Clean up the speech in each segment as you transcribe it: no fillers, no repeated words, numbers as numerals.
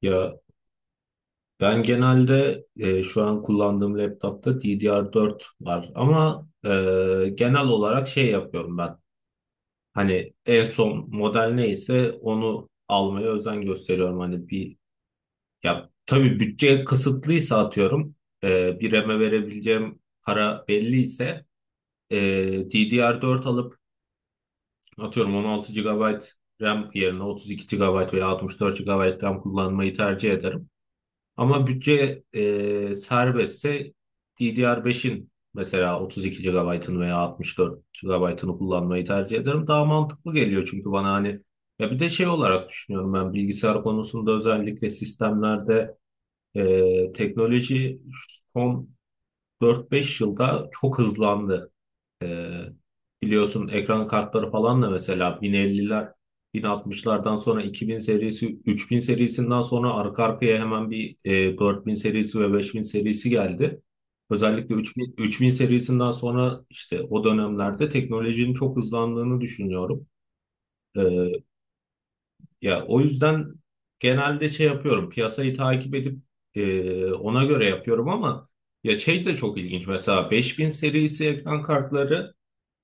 Ya, ben genelde şu an kullandığım laptopta DDR4 var ama genel olarak şey yapıyorum ben. Hani en son model neyse onu almaya özen gösteriyorum. Hani bir ya tabii bütçe kısıtlıysa atıyorum bir RAM'e verebileceğim para belliyse e, DDR4 alıp atıyorum 16 gigabayt RAM yerine 32 gigabayt veya 64 gigabayt RAM kullanmayı tercih ederim. Ama bütçe serbestse DDR5'in mesela 32 GB'ını veya 64 GB'ını kullanmayı tercih ederim. Daha mantıklı geliyor çünkü bana hani ya bir de şey olarak düşünüyorum ben bilgisayar konusunda özellikle sistemlerde teknoloji son 4-5 yılda çok hızlandı. Ee, biliyorsun ekran kartları falan da mesela 1050'ler, 1060'lardan sonra 2000 serisi, 3000 serisinden sonra arka arkaya hemen bir 4000 serisi ve 5000 serisi geldi. Özellikle 3000 serisinden sonra işte o dönemlerde teknolojinin çok hızlandığını düşünüyorum. Ee, ya o yüzden genelde şey yapıyorum, piyasayı takip edip ona göre yapıyorum ama ya şey de çok ilginç mesela 5000 serisi ekran kartları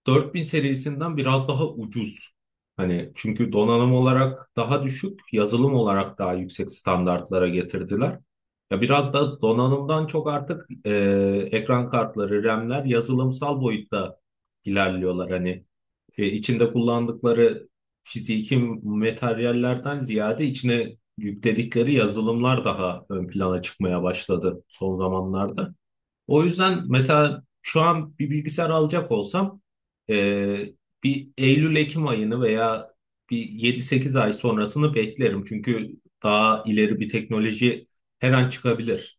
4000 serisinden biraz daha ucuz. Hani çünkü donanım olarak daha düşük, yazılım olarak daha yüksek standartlara getirdiler. Ya biraz da donanımdan çok artık ekran kartları, RAM'ler yazılımsal boyutta ilerliyorlar. Hani içinde kullandıkları fiziki materyallerden ziyade içine yükledikleri yazılımlar daha ön plana çıkmaya başladı son zamanlarda. O yüzden mesela şu an bir bilgisayar alacak olsam e, bir Eylül-Ekim ayını veya bir yedi sekiz ay sonrasını beklerim. Çünkü daha ileri bir teknoloji her an çıkabilir.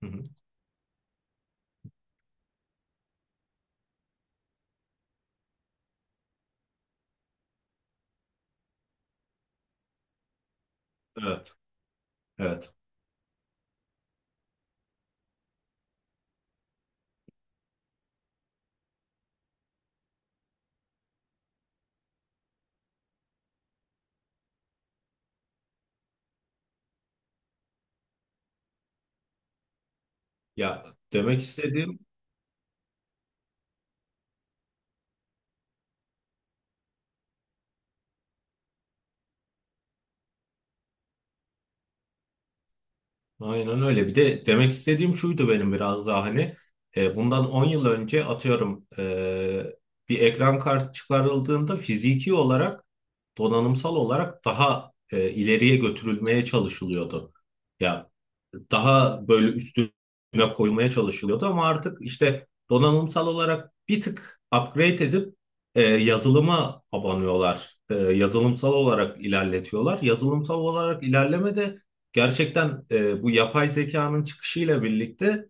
Hı hı. Evet, evet. Ya, demek istediğim. Aynen öyle. Bir de demek istediğim şuydu benim biraz daha hani bundan 10 yıl önce atıyorum bir ekran kartı çıkarıldığında fiziki olarak donanımsal olarak daha ileriye götürülmeye çalışılıyordu. Ya daha böyle üstüne koymaya çalışılıyordu ama artık işte donanımsal olarak bir tık upgrade edip yazılıma abanıyorlar. Yazılımsal olarak ilerletiyorlar. Yazılımsal olarak ilerleme de gerçekten bu yapay zekanın çıkışıyla birlikte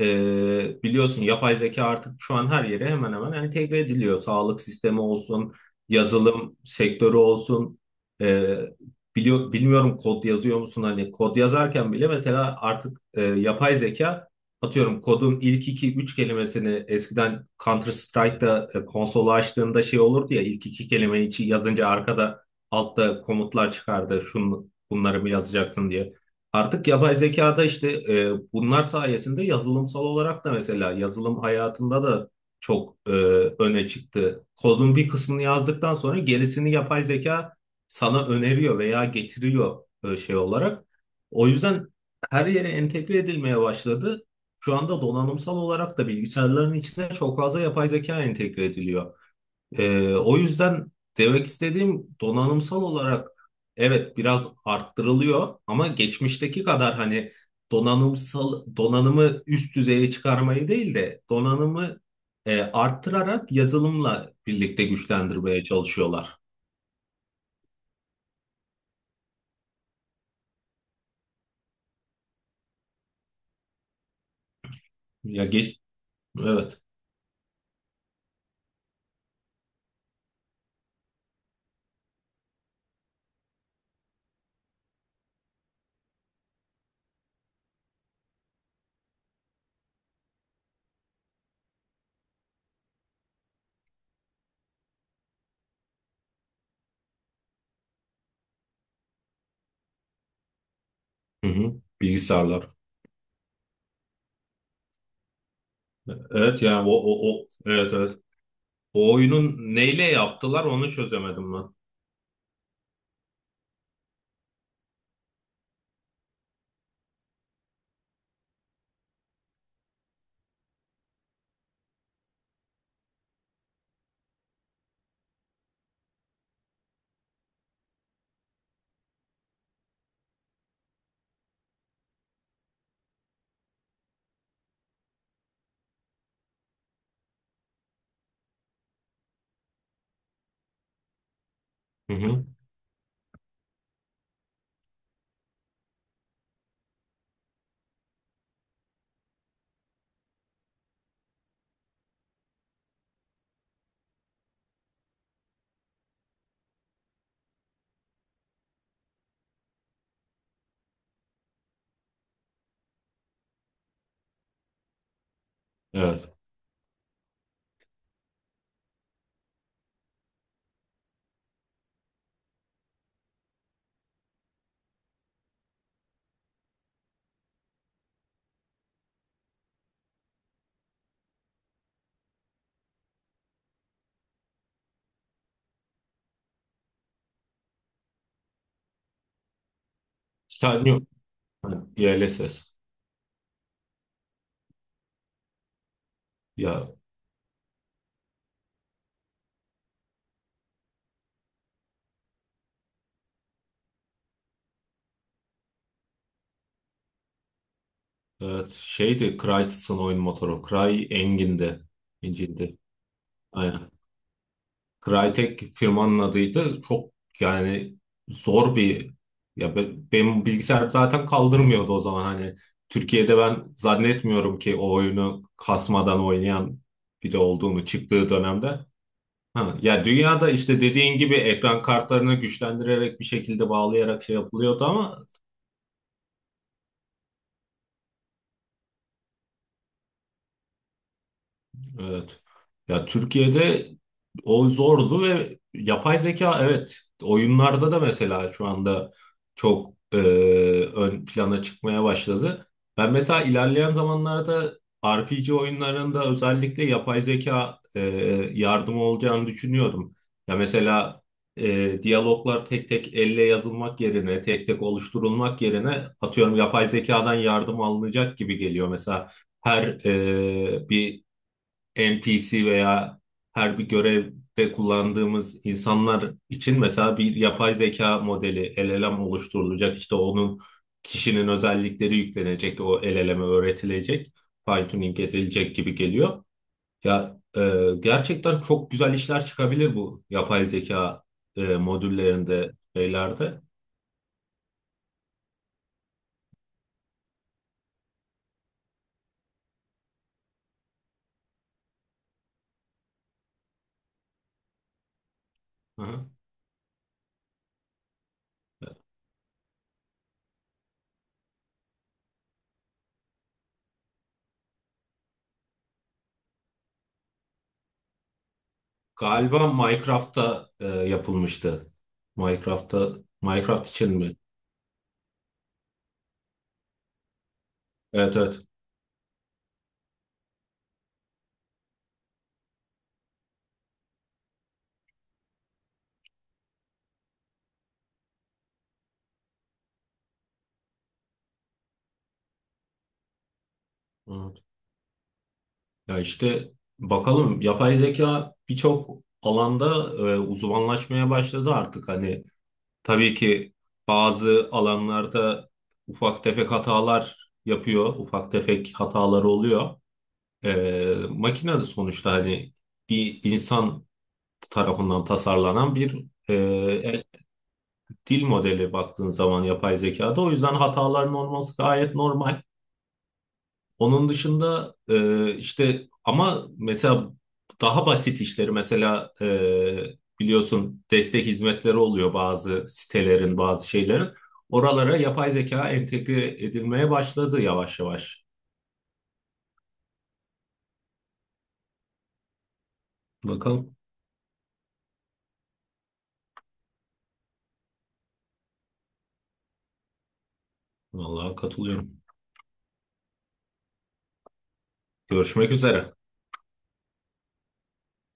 biliyorsun yapay zeka artık şu an her yere hemen hemen entegre ediliyor. Sağlık sistemi olsun, yazılım sektörü olsun. E, bilmiyorum kod yazıyor musun? Hani kod yazarken bile mesela artık yapay zeka atıyorum kodun ilk iki üç kelimesini eskiden Counter Strike'da konsolu açtığında şey olurdu ya ilk iki kelimeyi yazınca arkada altta komutlar çıkardı. Şunu, bunları mı yazacaksın diye. Artık yapay zekada işte bunlar sayesinde yazılımsal olarak da mesela yazılım hayatında da çok öne çıktı. Kodun bir kısmını yazdıktan sonra gerisini yapay zeka sana öneriyor veya getiriyor şey olarak. O yüzden her yere entegre edilmeye başladı. Şu anda donanımsal olarak da bilgisayarların içine çok fazla yapay zeka entegre ediliyor. O yüzden demek istediğim donanımsal olarak evet biraz arttırılıyor ama geçmişteki kadar hani donanımsal donanımı üst düzeye çıkarmayı değil de donanımı arttırarak yazılımla birlikte güçlendirmeye çalışıyorlar. Ya geç, evet. Hı hı. Bilgisayarlar. Evet yani o evet evet. O oyunun neyle yaptılar onu çözemedim ben. Hı hı. Evet. Sen yok. Ha, DLSS. Ya, evet, şeydi Crysis'ın oyun motoru. Cry Engin'di. İncil'di. Aynen. Crytek firmanın adıydı. Çok yani zor bir ya benim bilgisayarım zaten kaldırmıyordu o zaman hani Türkiye'de ben zannetmiyorum ki o oyunu kasmadan oynayan biri olduğunu çıktığı dönemde. Ha, ya dünyada işte dediğin gibi ekran kartlarını güçlendirerek bir şekilde bağlayarak şey yapılıyordu ama evet. Ya Türkiye'de o zordu ve yapay zeka evet oyunlarda da mesela şu anda çok ön plana çıkmaya başladı. Ben mesela ilerleyen zamanlarda RPG oyunlarında özellikle yapay zeka yardımı olacağını düşünüyorum. Ya mesela diyaloglar tek tek elle yazılmak yerine, tek tek oluşturulmak yerine atıyorum yapay zekadan yardım alınacak gibi geliyor. Mesela her bir NPC veya her bir görevde kullandığımız insanlar için mesela bir yapay zeka modeli LLM oluşturulacak. İşte onun kişinin özellikleri yüklenecek, o LLM'e öğretilecek, fine tuning edilecek gibi geliyor. Ya gerçekten çok güzel işler çıkabilir bu yapay zeka modüllerinde, şeylerde. Hı hı. Galiba Minecraft'ta yapılmıştı. Minecraft'ta Minecraft için mi? Evet evet. Hı. Ya işte bakalım yapay zeka birçok alanda uzmanlaşmaya başladı artık. Hani tabii ki bazı alanlarda ufak tefek hatalar yapıyor, ufak tefek hataları oluyor. Makine de sonuçta hani bir insan tarafından tasarlanan bir e, e, dil modeli baktığın zaman yapay zekada. O yüzden hataların olması gayet normal. Onun dışında işte ama mesela daha basit işleri mesela biliyorsun destek hizmetleri oluyor bazı sitelerin bazı şeylerin. Oralara yapay zeka entegre edilmeye başladı yavaş yavaş. Bakalım. Vallahi katılıyorum. Görüşmek üzere.